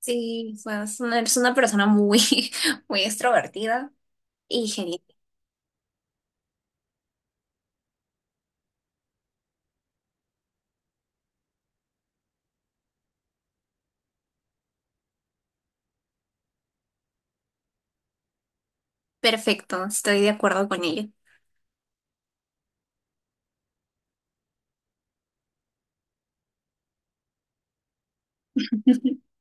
Sí, o sea, eres una persona muy, muy extrovertida y genial. Perfecto, estoy de acuerdo con ello.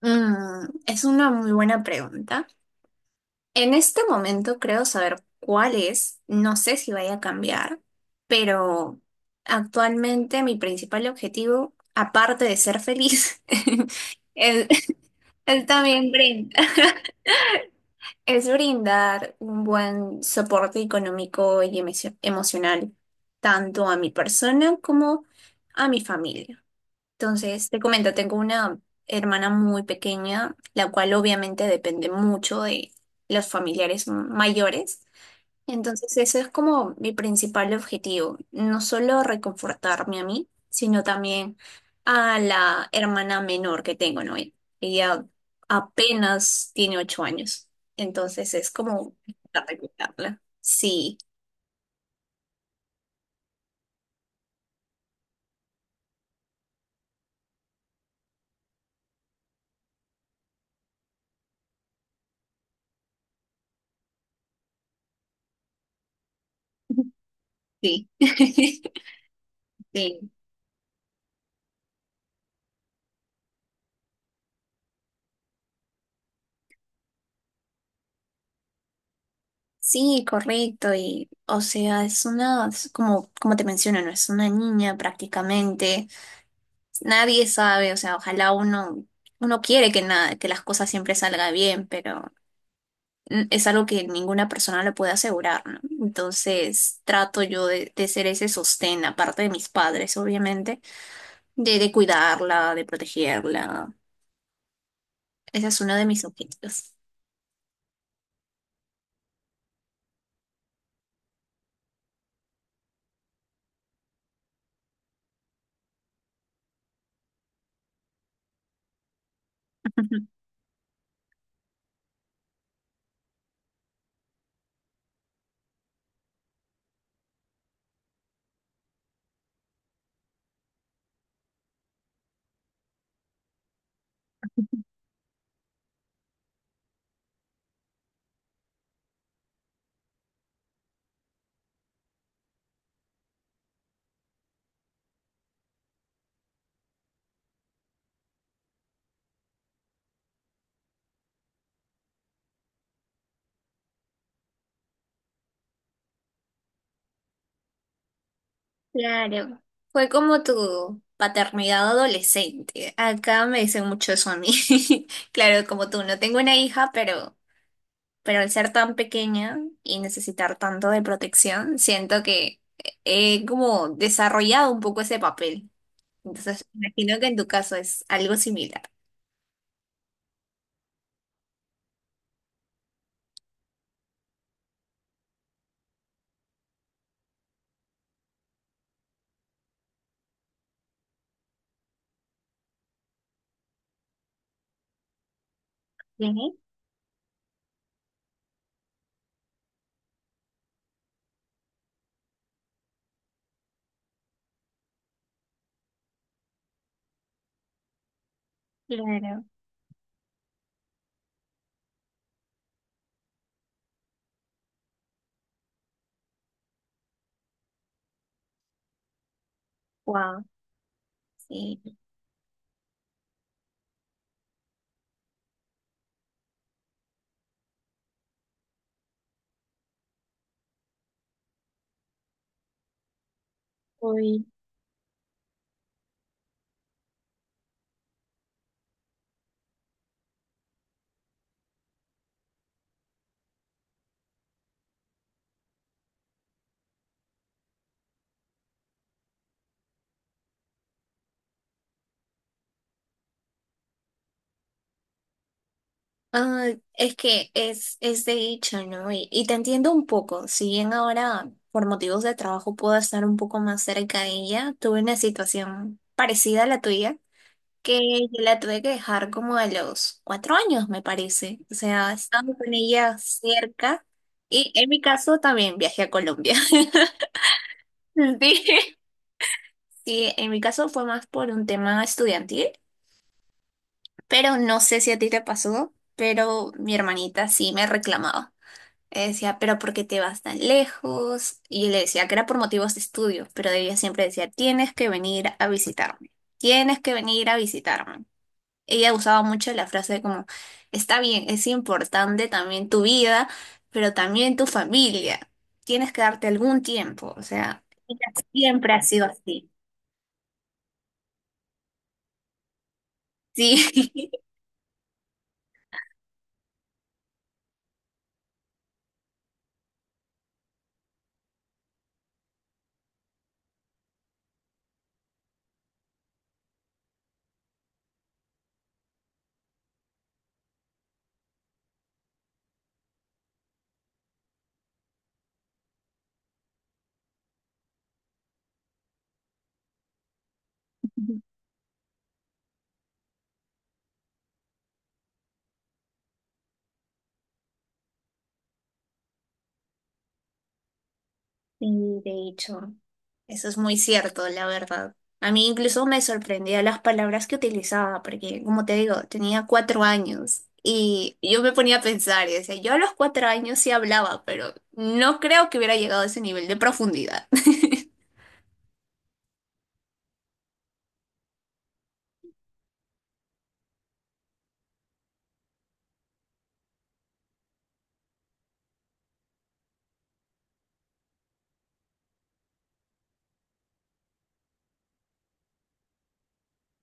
Es una muy buena pregunta. En este momento creo saber cuál es, no sé si vaya a cambiar, pero actualmente mi principal objetivo, aparte de ser feliz, es, es también brindar. Es brindar un buen soporte económico y emocional, tanto a mi persona como a mi familia. Entonces, te comento, tengo una hermana muy pequeña, la cual obviamente depende mucho de los familiares mayores. Entonces, ese es como mi principal objetivo, no solo reconfortarme a mí, sino también a la hermana menor que tengo, ¿no? Ella apenas tiene 8 años, entonces es como para recuperarla. Sí, sí, sí. Sí, correcto, y o sea, es como, como te menciono, no es una niña prácticamente, nadie sabe, o sea, uno quiere que nada, que las cosas siempre salgan bien, pero es algo que ninguna persona le puede asegurar, ¿no? Entonces trato yo de ser ese sostén, aparte de mis padres, obviamente, de cuidarla, de protegerla. Ese es uno de mis objetivos. Claro, fue como tu paternidad adolescente. Acá me dicen mucho eso a mí. Claro, como tú, no tengo una hija, pero al ser tan pequeña y necesitar tanto de protección, siento que he como desarrollado un poco ese papel. Entonces, imagino que en tu caso es algo similar. Sí, claro. Wow. Sí. Uy. Ah, es de hecho, ¿no? Y te entiendo un poco, si bien ahora por motivos de trabajo puedo estar un poco más cerca de ella, tuve una situación parecida a la tuya, que yo la tuve que dejar como a los 4 años, me parece. O sea, estaba con ella cerca y en mi caso también viajé a Colombia. Sí. Sí, en mi caso fue más por un tema estudiantil, pero no sé si a ti te pasó, pero mi hermanita sí me reclamaba. Decía, pero ¿por qué te vas tan lejos? Y yo le decía que era por motivos de estudio, pero ella siempre decía, tienes que venir a visitarme, tienes que venir a visitarme. Ella usaba mucho la frase como, está bien, es importante también tu vida, pero también tu familia, tienes que darte algún tiempo, o sea, ella siempre ha sido así. Sí. Sí, de hecho, eso es muy cierto, la verdad. A mí incluso me sorprendía las palabras que utilizaba, porque como te digo, tenía 4 años y yo me ponía a pensar y decía, yo a los 4 años sí hablaba, pero no creo que hubiera llegado a ese nivel de profundidad.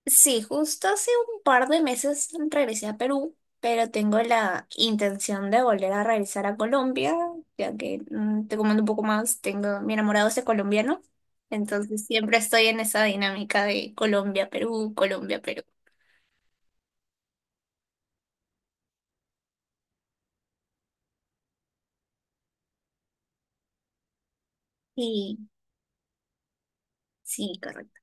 Sí, justo hace un par de meses regresé a Perú, pero tengo la intención de volver a regresar a Colombia, ya que te comento un poco más, tengo mi enamorado es de colombiano, entonces siempre estoy en esa dinámica de Colombia, Perú, Colombia, Perú. Sí, sí, correcto,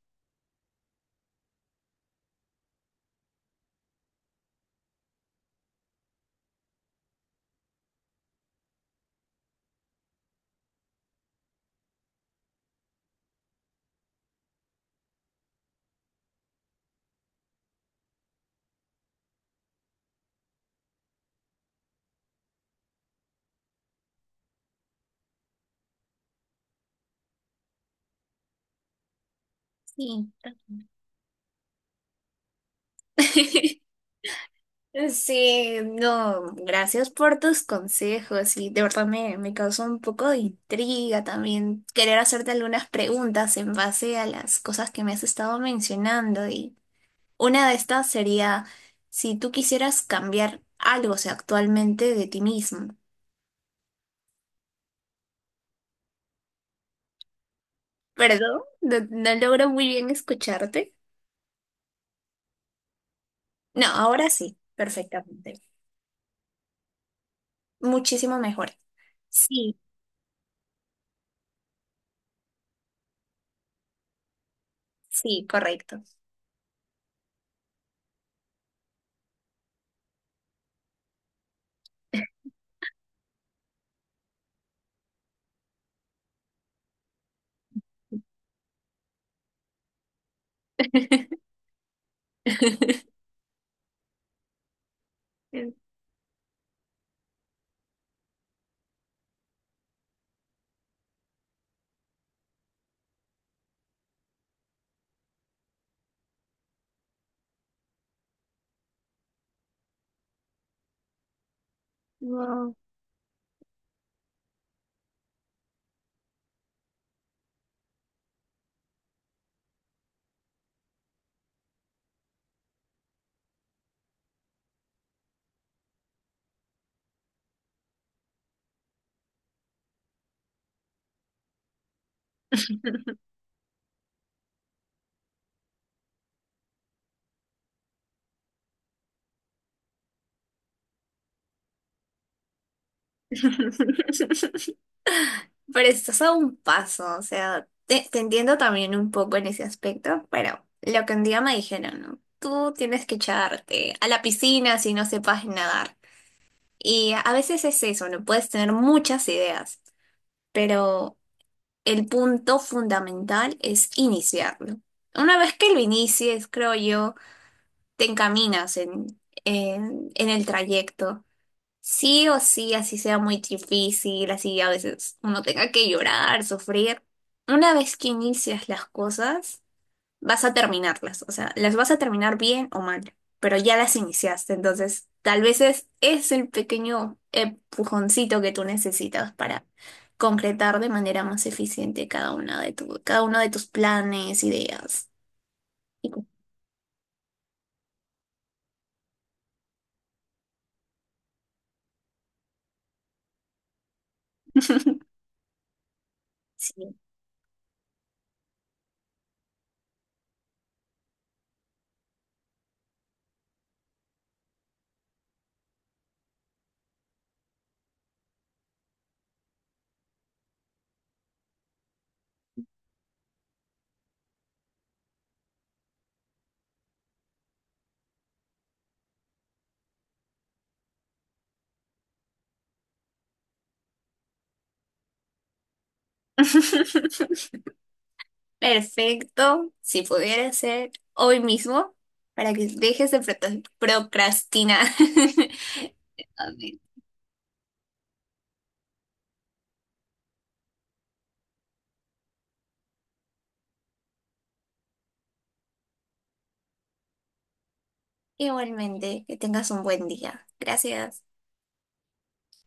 sí. Sí, no, gracias por tus consejos y de verdad me causó un poco de intriga también querer hacerte algunas preguntas en base a las cosas que me has estado mencionando y una de estas sería si tú quisieras cambiar algo, o sea, actualmente de ti mismo. ¿Perdón? No, no logro muy bien escucharte. No, ahora sí, perfectamente. Muchísimo mejor. Sí, sí, correcto. No. Pero estás a un paso, o sea, te entiendo también un poco en ese aspecto, pero lo que un día me dijeron, ¿no? Tú tienes que echarte a la piscina si no sepas nadar. Y a veces es eso, no puedes tener muchas ideas, pero el punto fundamental es iniciarlo. Una vez que lo inicies, creo yo, te encaminas en el trayecto. Sí o sí, así sea muy difícil, así a veces uno tenga que llorar, sufrir. Una vez que inicias las cosas, vas a terminarlas, o sea, las vas a terminar bien o mal, pero ya las iniciaste, entonces tal vez es el pequeño empujoncito que tú necesitas para concretar de manera más eficiente cada uno de tus planes, ideas. y co- Sí. Perfecto, si pudiera ser hoy mismo, para que dejes de procrastinar. Amén. Igualmente, que tengas un buen día. Gracias.